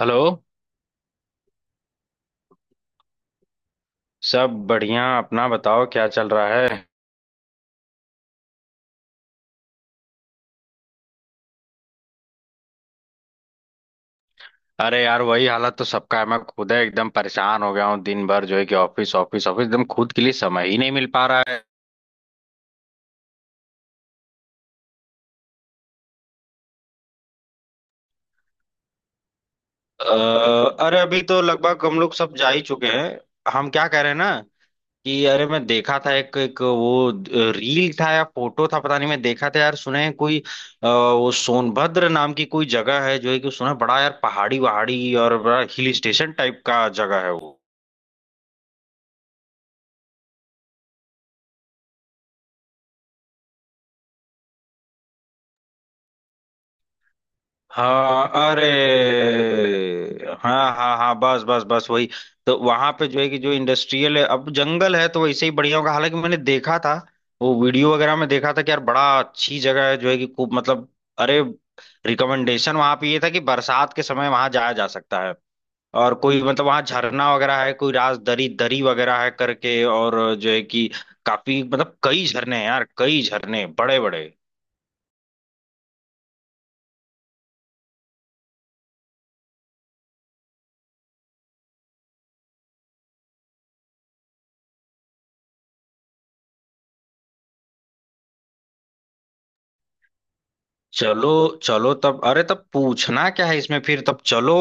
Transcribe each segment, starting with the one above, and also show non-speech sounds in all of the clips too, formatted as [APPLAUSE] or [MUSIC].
Hello. सब बढ़िया, अपना बताओ क्या चल रहा है। अरे यार वही हालत तो सबका है। मैं खुद है एकदम परेशान हो गया हूँ। दिन भर जो है कि ऑफिस ऑफिस ऑफिस, एकदम खुद के लिए समय ही नहीं मिल पा रहा है। अरे अभी तो लगभग हम लोग सब जा ही चुके हैं। हम क्या कह रहे हैं ना कि अरे मैं देखा था एक एक वो रील था या फोटो था पता नहीं। मैं देखा था यार, सुने हैं कोई वो सोनभद्र नाम की कोई जगह है जो है कि सुना है बड़ा यार पहाड़ी वहाड़ी और बड़ा हिल स्टेशन टाइप का जगह है वो। हाँ, अरे हाँ हाँ हाँ, बस बस बस वही। तो वहां पे जो है कि जो इंडस्ट्रियल है, अब जंगल है तो वैसे ही बढ़िया होगा। हालांकि मैंने देखा था, वो वीडियो वगैरह में देखा था कि यार बड़ा अच्छी जगह है जो है कि खूब मतलब अरे, रिकमेंडेशन वहां पे ये था कि बरसात के समय वहां जाया जा सकता है। और कोई मतलब वहां झरना वगैरह है, कोई राजदरी दरी दरी वगैरह है करके, और जो है कि काफी मतलब कई झरने हैं यार, कई झरने बड़े बड़े। चलो चलो, तब अरे तब पूछना क्या है इसमें, फिर तब चलो।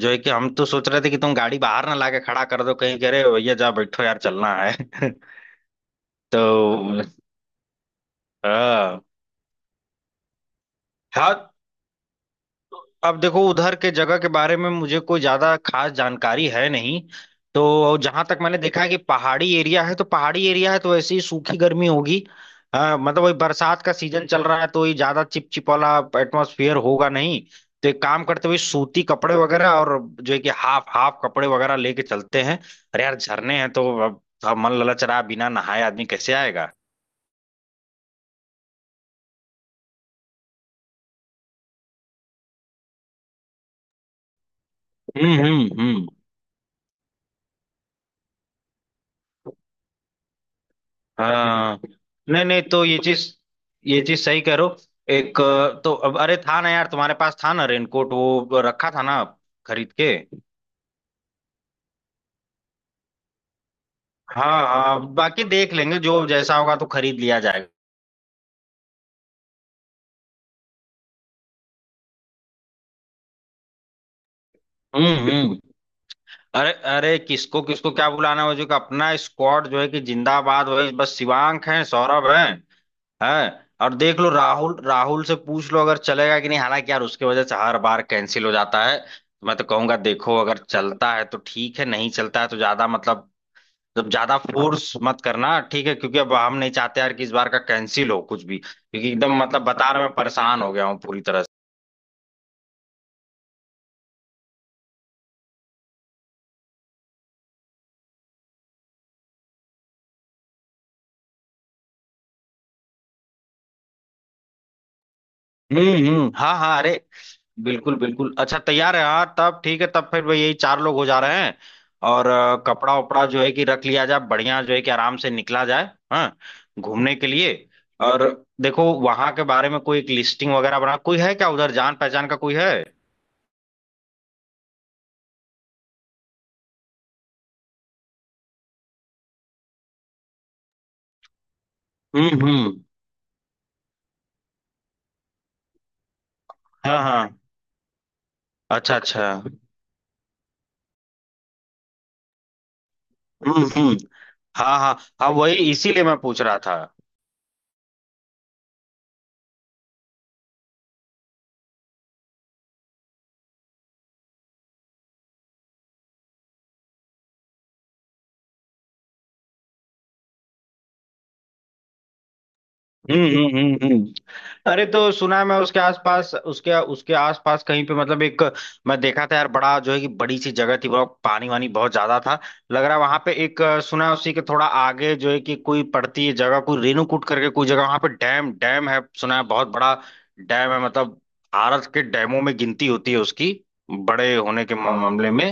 जो है कि हम तो सोच रहे थे कि तुम गाड़ी बाहर ना लाके खड़ा कर दो कहीं करे भैया जा बैठो यार चलना है। [LAUGHS] तो हाँ हाँ, अब देखो उधर के जगह के बारे में मुझे कोई ज्यादा खास जानकारी है नहीं। तो जहां तक मैंने देखा है कि पहाड़ी एरिया है, तो पहाड़ी एरिया है तो वैसे ही सूखी गर्मी होगी। मतलब वही बरसात का सीजन चल रहा है तो ये ज्यादा चिपचिप वाला एटमोसफियर होगा नहीं। तो एक काम करते हुए, सूती कपड़े वगैरह और जो है कि हाफ हाफ कपड़े वगैरह लेके चलते हैं। अरे यार झरने हैं तो अब मन ललच रहा है, बिना नहाए आदमी कैसे आएगा। हम्म। हाँ, नहीं नहीं, तो ये चीज, ये चीज सही करो। एक तो अब अरे था ना यार तुम्हारे पास था ना रेनकोट, वो रखा था ना खरीद के। हाँ हाँ, बाकी देख लेंगे, जो जैसा होगा तो खरीद लिया जाएगा। हम्म। अरे अरे किसको किसको क्या बुलाना है, वो जो कि अपना स्क्वाड जो है कि जिंदाबाद, वही बस शिवांक है, सौरभ है। हाँ, और देख लो राहुल, राहुल से पूछ लो अगर चलेगा कि नहीं। हालांकि यार उसके वजह से हर बार कैंसिल हो जाता है, तो मैं तो कहूंगा देखो अगर चलता है तो ठीक है, नहीं चलता है तो ज्यादा मतलब जब ज्यादा फोर्स मत करना, ठीक है। क्योंकि अब हम नहीं चाहते यार कि इस बार का कैंसिल हो कुछ भी, क्योंकि एकदम मतलब बता रहा मैं परेशान हो गया हूँ पूरी तरह से। हम्म। हाँ हाँ, अरे बिल्कुल बिल्कुल, अच्छा तैयार है। हाँ तब ठीक है, तब फिर भाई यही चार लोग हो जा रहे हैं। और कपड़ा उपड़ा जो है कि रख लिया जाए बढ़िया, जो है कि आराम से निकला जाए। हाँ, घूमने के लिए। और देखो वहां के बारे में कोई एक लिस्टिंग वगैरह बना, कोई है क्या उधर जान पहचान का कोई है। हम्म। हाँ हाँ। अच्छा अच्छा। हम्म। हाँ हाँ। हाँ वही इसीलिए मैं पूछ रहा था। हम्म हम्म हम्म हम्म। अरे तो सुना है, मैं उसके आसपास उसके उसके आसपास कहीं पे मतलब एक, मैं देखा था यार बड़ा जो है कि बड़ी सी जगह थी, बहुत पानी वानी बहुत ज्यादा था, लग रहा है वहां पे एक सुना है उसी के थोड़ा आगे जो है कि कोई पड़ती है जगह, कोई रेणुकूट करके कोई जगह, वहां पे डैम डैम है सुना है, बहुत बड़ा डैम है। मतलब भारत के डैमों में गिनती होती है उसकी, बड़े होने के मामले में।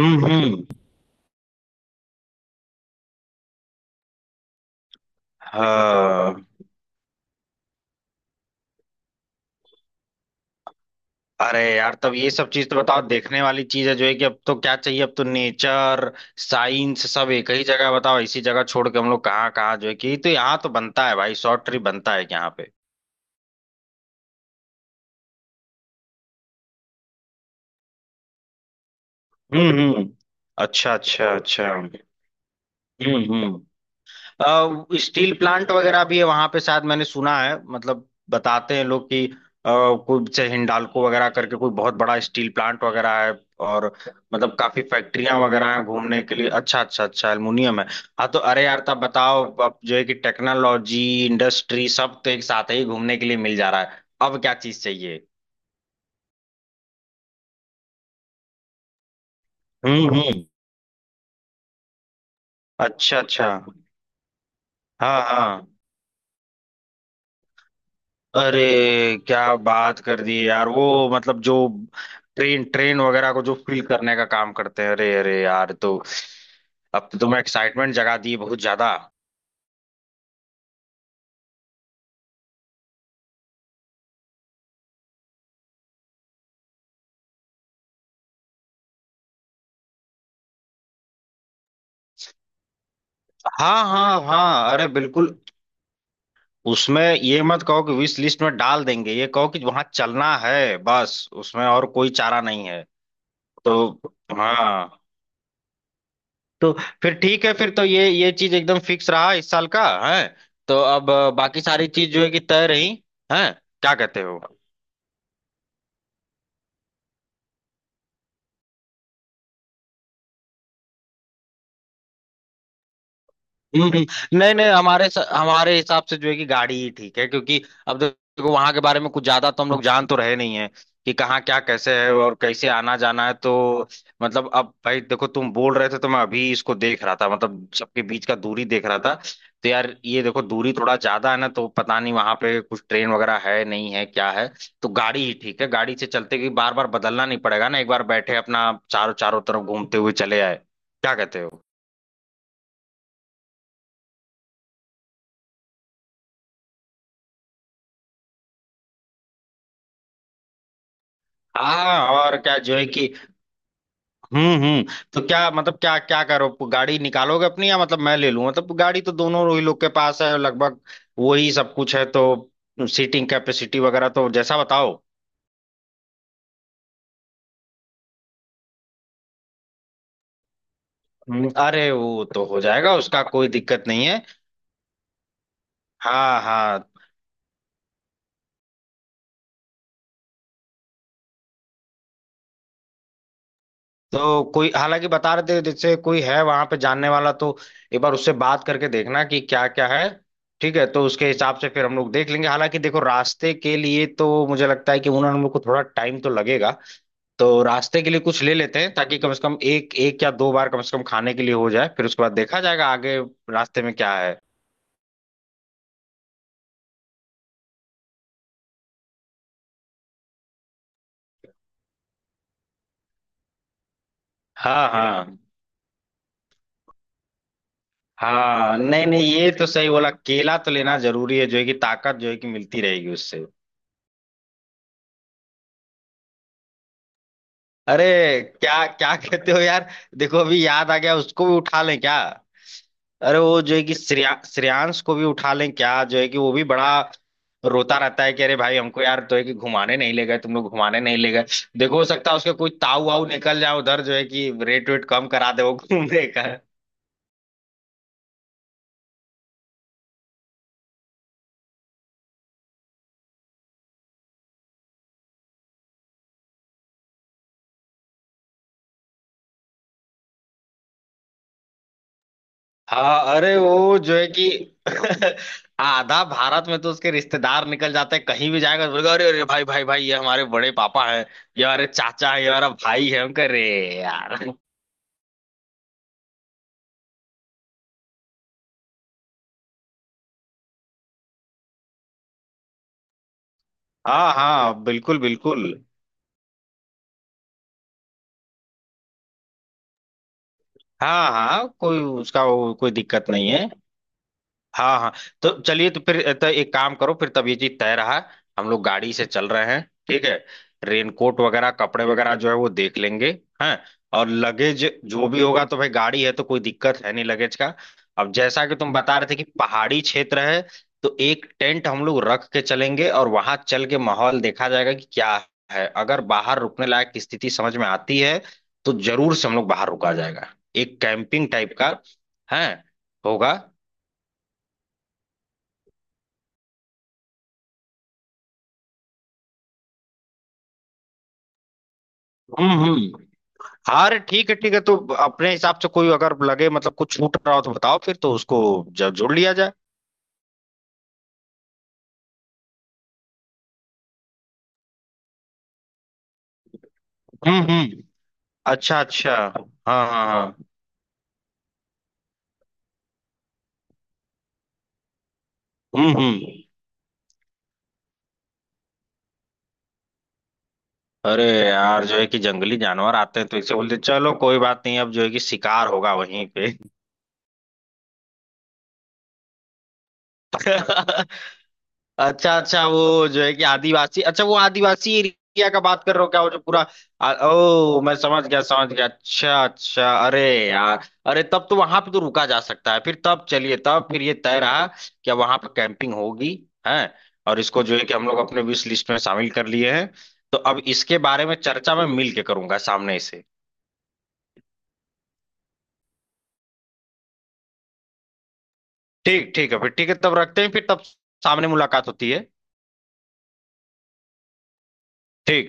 हम्म। हाँ, अरे यार तब ये सब चीज तो बताओ देखने वाली चीज है, जो है कि अब तो क्या चाहिए, अब तो नेचर साइंस सब एक ही जगह। बताओ इसी जगह छोड़ के हम लोग कहाँ कहाँ जो है कि, तो यहाँ तो बनता है भाई, शॉर्ट ट्रिप बनता है यहाँ पे। हम्म। अच्छा अच्छा अच्छा। हम्म। स्टील प्लांट वगैरह भी है वहां पे शायद, मैंने सुना है मतलब बताते हैं लोग कि अ, कोई जैसे हिंडाल्को वगैरह करके कोई बहुत बड़ा स्टील प्लांट वगैरह है। और मतलब काफी फैक्ट्रियां वगैरह हैं घूमने के लिए। अच्छा अच्छा अच्छा, एल्युमिनियम है। हाँ, तो अरे यार तब बताओ अब जो है कि टेक्नोलॉजी इंडस्ट्री सब तो एक साथ ही घूमने के लिए मिल जा रहा है, अब क्या चीज चाहिए। हम्म। अच्छा अच्छा। हाँ हाँ, अरे क्या बात कर दी यार वो, मतलब जो ट्रेन ट्रेन वगैरह को जो फील करने का काम करते हैं, अरे अरे यार, तो अब तो तुम एक्साइटमेंट जगा दी बहुत ज्यादा। हाँ हाँ हाँ, अरे बिल्कुल। उसमें ये मत कहो कि विश लिस्ट में डाल देंगे, ये कहो कि वहां चलना है बस, उसमें और कोई चारा नहीं है। तो हाँ, तो फिर ठीक है, फिर तो ये चीज एकदम फिक्स रहा इस साल का है। तो अब बाकी सारी चीज जो है कि तय रही है, क्या कहते हो। [LAUGHS] नहीं नहीं, हमारे स- हमारे हिसाब से जो है कि गाड़ी ही ठीक है, क्योंकि अब देखो वहां के बारे में कुछ ज्यादा तो हम लोग जान तो रहे नहीं है कि कहाँ क्या कैसे है और कैसे आना जाना है। तो मतलब अब भाई देखो, तुम बोल रहे थे तो मैं अभी इसको देख रहा था, मतलब सबके बीच का दूरी देख रहा था। तो यार ये देखो दूरी थोड़ा ज्यादा है ना, तो पता नहीं वहां पे कुछ ट्रेन वगैरह है नहीं है क्या है। तो गाड़ी ही ठीक है, गाड़ी से चलते कि बार बार बदलना नहीं पड़ेगा ना, एक बार बैठे अपना चारों चारों तरफ घूमते हुए चले आए। क्या कहते हो। हाँ और क्या जो है कि। हम्म। तो क्या मतलब, क्या क्या करो, गाड़ी निकालोगे अपनी या मतलब मैं ले लूं, मतलब गाड़ी तो दोनों ही लोग के पास है लगभग, वही सब कुछ है तो सीटिंग कैपेसिटी वगैरह तो जैसा बताओ। अरे वो तो हो जाएगा, उसका कोई दिक्कत नहीं है। हाँ हाँ, तो कोई हालांकि बता रहे थे जैसे कोई है वहां पे जानने वाला, तो एक बार उससे बात करके देखना कि क्या क्या है। ठीक है तो उसके हिसाब से फिर हम लोग देख लेंगे। हालांकि देखो रास्ते के लिए तो मुझे लगता है कि उन्होंने हम लोग को थोड़ा टाइम तो लगेगा, तो रास्ते के लिए कुछ ले लेते हैं ताकि कम से कम एक एक या दो बार कम से कम खाने के लिए हो जाए, फिर उसके बाद देखा जाएगा आगे रास्ते में क्या है। हाँ हाँ हाँ, नहीं नहीं ये तो सही बोला, केला तो लेना जरूरी है जो है कि ताकत जो है कि मिलती रहेगी उससे। अरे, क्या क्या कहते हो यार, देखो अभी याद आ गया, उसको भी उठा लें क्या। अरे वो जो है कि श्रेया, श्रेयांश को भी उठा लें क्या, जो है कि वो भी बड़ा रोता रहता है कि अरे भाई हमको यार तो है कि घुमाने नहीं ले गए, तुम लोग घुमाने नहीं ले गए। देखो हो सकता है उसके कोई ताऊ वाऊ निकल जाए उधर, जो है कि रेट वेट कम करा दे वो घूमने का। हाँ, अरे वो जो है कि [LAUGHS] आधा भारत में तो उसके रिश्तेदार निकल जाते हैं। कहीं भी जाएगा तो बोलेगा अरे अरे भाई भाई भाई ये हमारे बड़े पापा हैं, ये हमारे चाचा है, ये हमारा भाई है, हम कह रे यार। हाँ हाँ बिल्कुल बिल्कुल। हाँ हाँ, कोई उसका वो कोई दिक्कत नहीं है। हाँ हाँ, तो चलिए तो फिर तो एक काम करो, फिर तब ये चीज तय रहा, हम लोग गाड़ी से चल रहे हैं। ठीक है, रेनकोट वगैरह कपड़े वगैरह जो है वो देख लेंगे। हैं, और लगेज जो भी होगा तो भाई गाड़ी है तो कोई दिक्कत है नहीं लगेज का। अब जैसा कि तुम बता रहे थे कि पहाड़ी क्षेत्र है, तो एक टेंट हम लोग रख के चलेंगे और वहां चल के माहौल देखा जाएगा कि क्या है। अगर बाहर रुकने लायक की स्थिति समझ में आती है तो जरूर से हम लोग बाहर रुका जाएगा, एक कैंपिंग टाइप का है होगा। हम्म। हाँ, अरे ठीक है ठीक है, तो अपने हिसाब से कोई अगर लगे मतलब कुछ छूट रहा हो तो बताओ, फिर तो उसको जब जोड़ लिया जाए। हम्म। अच्छा अच्छा। हाँ हाँ हाँ। हम्म। अरे यार जो है कि जंगली जानवर आते हैं तो इसे बोलते हैं, चलो कोई बात नहीं, अब जो है कि शिकार होगा वहीं पे। [LAUGHS] अच्छा अच्छा, वो जो है कि आदिवासी, अच्छा वो आदिवासी एरिया का बात कर रहे हो क्या, वो जो पूरा ओ मैं समझ गया समझ गया, अच्छा अच्छा, अरे यार अरे तब तो वहां पे तो रुका जा सकता है। फिर तब चलिए तब फिर ये तय रहा कि अब वहां पर कैंपिंग होगी है। और इसको जो है कि हम लोग अपने विश लिस्ट में शामिल कर लिए हैं, तो अब इसके बारे में चर्चा मैं मिल के करूंगा सामने से। ठीक, ठीक है फिर, ठीक है तब रखते हैं, फिर तब सामने मुलाकात होती है। ठीक।